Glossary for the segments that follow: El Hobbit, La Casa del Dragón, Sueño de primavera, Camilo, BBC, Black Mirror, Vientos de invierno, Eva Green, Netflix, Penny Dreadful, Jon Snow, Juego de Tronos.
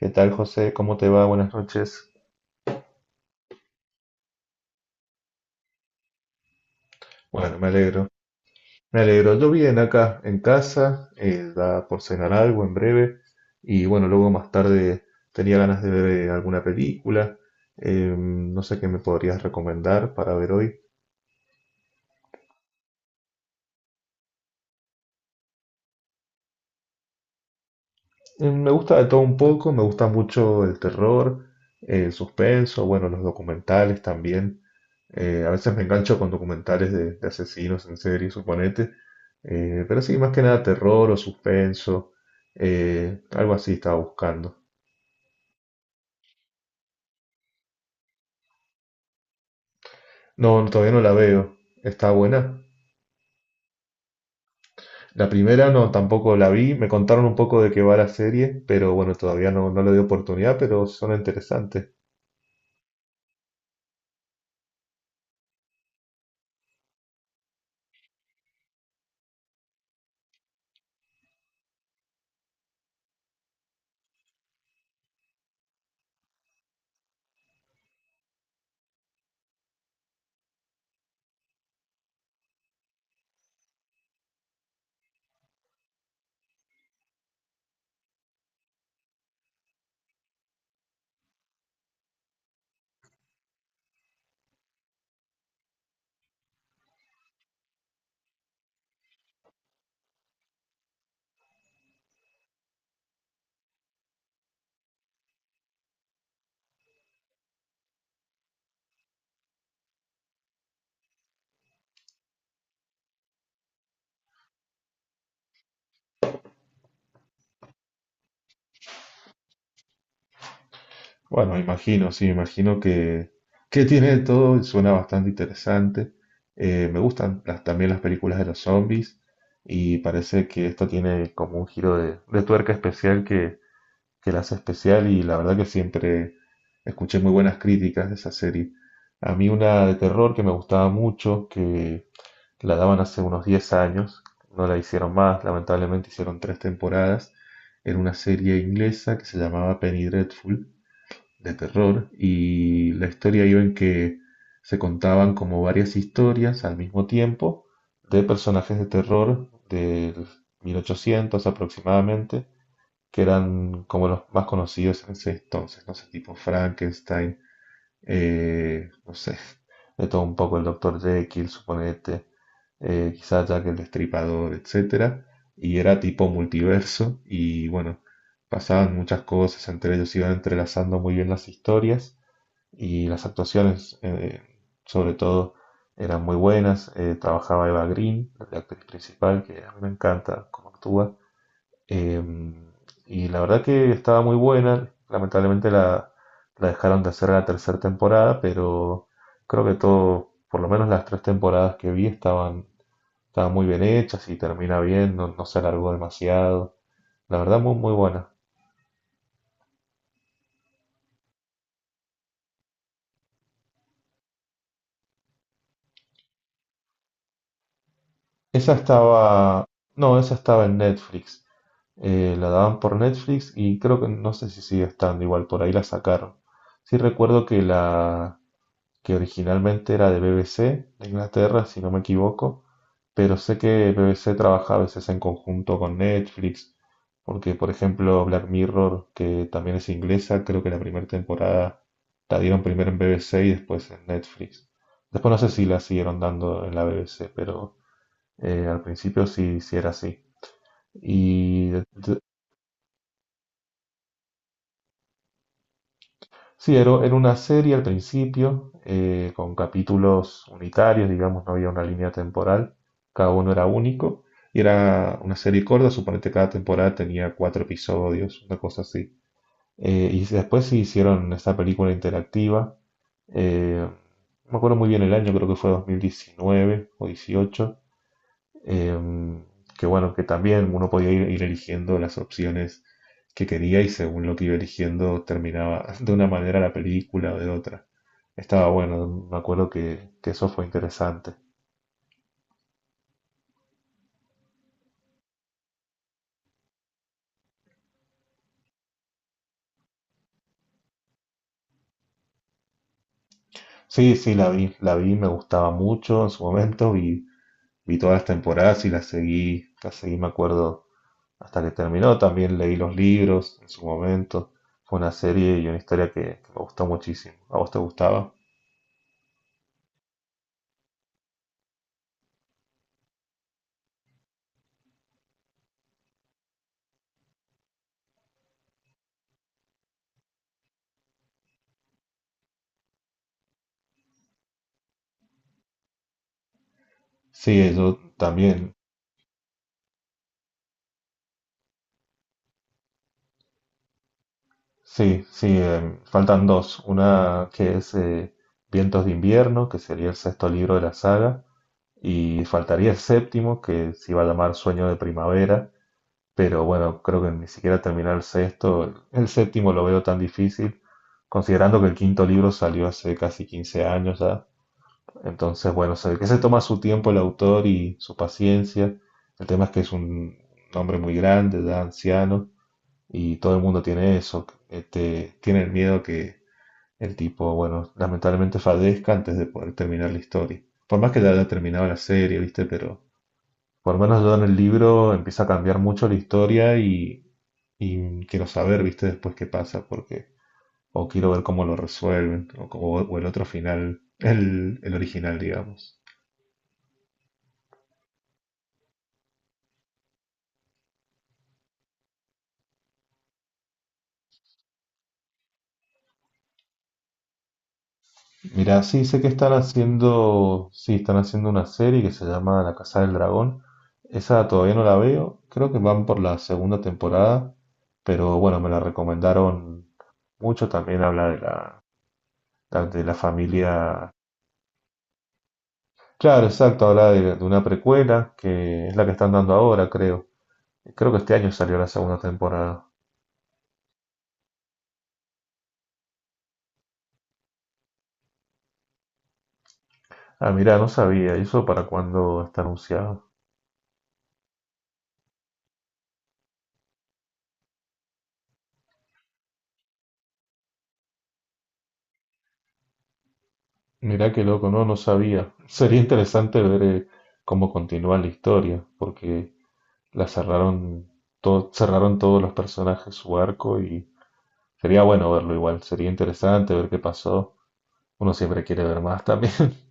¿Qué tal, José? ¿Cómo te va? Buenas noches. Bueno, me alegro. Me alegro. Yo bien acá en casa, da por cenar algo en breve. Y bueno, luego más tarde tenía ganas de ver alguna película. No sé qué me podrías recomendar para ver hoy. Me gusta de todo un poco, me gusta mucho el terror, el suspenso, bueno, los documentales también. A veces me engancho con documentales de asesinos en serie, suponete. Pero sí, más que nada terror o suspenso. Algo así estaba buscando. No, no, todavía no la veo. Está buena. La primera no, tampoco la vi. Me contaron un poco de qué va la serie, pero bueno, todavía no, no le di oportunidad, pero suena interesante. Bueno, imagino, sí, imagino que tiene de todo y suena bastante interesante. Me gustan las- también las películas de los zombies y parece que esta tiene como un giro de tuerca especial que la hace especial y la verdad que siempre escuché muy buenas críticas de esa serie. A mí una de terror que me gustaba mucho, que la daban hace unos 10 años, no la hicieron más, lamentablemente hicieron tres temporadas, era una serie inglesa que se llamaba Penny Dreadful de terror y la historia iba en que se contaban como varias historias al mismo tiempo de personajes de terror del 1800 aproximadamente, que eran como los más conocidos en ese entonces, no sé, tipo Frankenstein, no sé, de todo un poco el doctor Jekyll, suponete, quizás Jack el Destripador, etcétera, y era tipo multiverso y bueno, pasaban muchas cosas, entre ellos iban entrelazando muy bien las historias y las actuaciones, sobre todo, eran muy buenas. Trabajaba Eva Green, la actriz principal, que a mí me encanta cómo actúa. Eh, y la verdad que estaba muy buena. Lamentablemente la, la dejaron de hacer en la tercera temporada, pero creo que todo, por lo menos las tres temporadas que vi, estaban, estaban muy bien hechas y termina bien, no, no se alargó demasiado. La verdad, muy, muy buena. Esa estaba, no, esa estaba en Netflix. La daban por Netflix y creo que no sé si sigue estando igual, por ahí la sacaron. Sí recuerdo que la que originalmente era de BBC de Inglaterra, si no me equivoco, pero sé que BBC trabaja a veces en conjunto con Netflix, porque por ejemplo Black Mirror, que también es inglesa, creo que la primera temporada la dieron primero en BBC y después en Netflix. Después no sé si la siguieron dando en la BBC, pero al principio sí, sí era así. Y de- de- sí, era, era una serie al principio, con capítulos unitarios, digamos, no había una línea temporal, cada uno era único, y era una serie corta, suponete cada temporada tenía cuatro episodios, una cosa así. Y después sí hicieron esta película interactiva, eh, no me acuerdo muy bien el año, creo que fue 2019 o 18. Em, que bueno, que también uno podía ir, ir eligiendo las opciones que quería y según lo que iba eligiendo terminaba de una manera la película o de otra. Estaba bueno, me acuerdo que eso fue interesante. Sí, sí, la vi, me gustaba mucho en su momento, vi, vi todas las temporadas y las seguí, me acuerdo, hasta que terminó. También leí los libros en su momento. Fue una serie y una historia que me gustó muchísimo. ¿A vos te gustaba? Sí, yo también. Sí, sí, em, faltan dos. Una que es Vientos de invierno, que sería el sexto libro de la saga, y faltaría el séptimo, que se iba a llamar Sueño de primavera, pero bueno, creo que ni siquiera terminar el sexto, el séptimo lo veo tan difícil, considerando que el quinto libro salió hace casi 15 años ya. Entonces, bueno, se ve que se toma su tiempo el autor y su paciencia. El tema es que es un hombre muy grande, ya anciano y todo el mundo tiene eso, este, tiene el miedo que el tipo, bueno, lamentablemente fallezca antes de poder terminar la historia. Por más que ya haya terminado la serie, ¿viste? Pero por lo menos yo en el libro empieza a cambiar mucho la historia y quiero saber, ¿viste? Después qué pasa, porque o quiero ver cómo lo resuelven, o el otro final, el original, digamos. Mira, sí, sé que están haciendo, sí, están haciendo una serie que se llama La Casa del Dragón. Esa todavía no la veo, creo que van por la segunda temporada, pero bueno, me la recomendaron mucho. También habla de la familia. Claro, exacto, habla de una precuela que es la que están dando ahora, creo. Creo que este año salió la segunda temporada. Ah, mira, no sabía, ¿y eso para cuándo está anunciado? Mirá qué loco, no, no sabía. Sería interesante ver cómo continúa la historia, porque la cerraron, todo, cerraron todos los personajes su arco y sería bueno verlo igual, sería interesante ver qué pasó. Uno siempre quiere ver más también.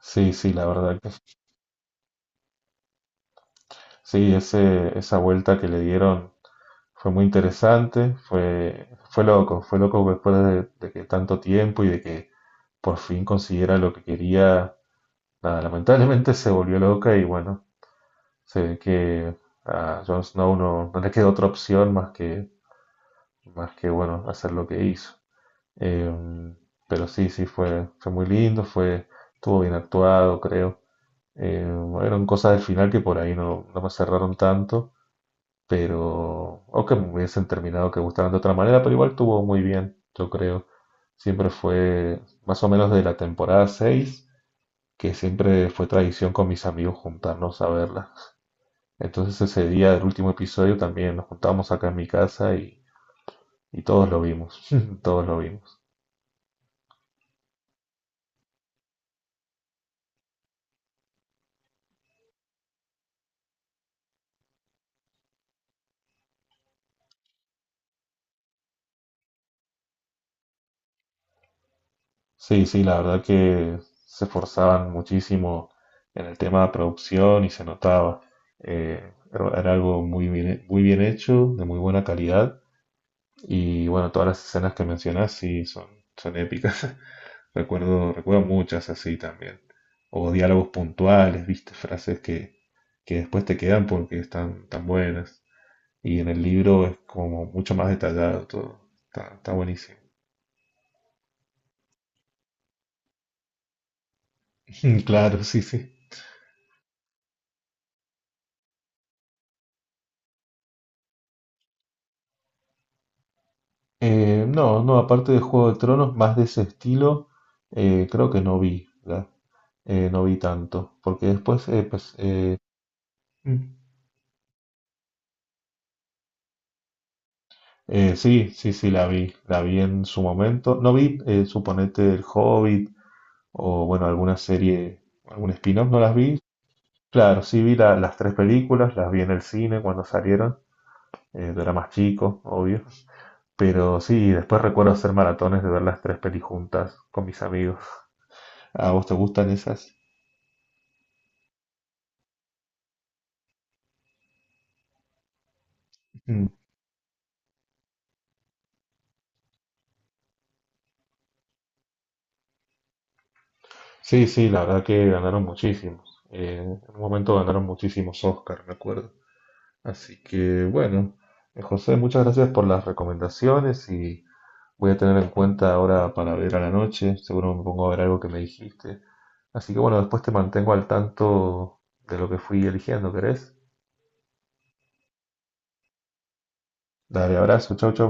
Sí, sí, la verdad que sí, ese, esa vuelta que le dieron fue muy interesante, fue, fue loco después de que tanto tiempo y de que por fin consiguiera lo que quería. Nada, lamentablemente se volvió loca y bueno. Sí, que a Jon Snow no, no le quedó otra opción más que bueno, hacer lo que hizo. Em, pero sí, sí, fue, fue muy lindo, fue, estuvo bien actuado, creo. Eran cosas del final que por ahí no, no me cerraron tanto, pero, o que me hubiesen terminado que gustaran de otra manera, pero igual estuvo muy bien, yo creo. Siempre fue más o menos de la temporada 6 que siempre fue tradición con mis amigos juntarnos a verla. Entonces ese día del último episodio también nos juntamos acá en mi casa y todos lo vimos, todos lo vimos. Sí, sí, la verdad que se esforzaban muchísimo en el tema de producción y se notaba. Era algo muy bien hecho, de muy buena calidad y bueno, todas las escenas que mencionas sí son, son épicas. Recuerdo, recuerdo muchas así también. O diálogos puntuales, viste, frases que después te quedan porque están tan buenas. Y en el libro es como mucho más detallado todo. Está, está buenísimo. Claro, sí, sí. No, no, aparte de Juego de Tronos, más de ese estilo, creo que no vi, ¿verdad? No vi tanto, porque después, pues, mm, sí, sí, sí, la vi en su momento. No vi, suponete, El Hobbit o, bueno, alguna serie, algún spin-off, no las vi. Claro, sí vi la- las tres películas, las vi en el cine cuando salieron, yo era más chico, obvio. Pero sí, después recuerdo hacer maratones de ver las tres pelis juntas con mis amigos. ¿A vos te gustan esas? Mm. Sí, sí, la verdad que ganaron muchísimos. En un momento ganaron muchísimos Oscar, me acuerdo. Así que bueno, José, muchas gracias por las recomendaciones y voy a tener en cuenta ahora para ver a la noche. Seguro me pongo a ver algo que me dijiste. Así que bueno, después te mantengo al tanto de lo que fui eligiendo, ¿querés? Dale, abrazo, chau, chau.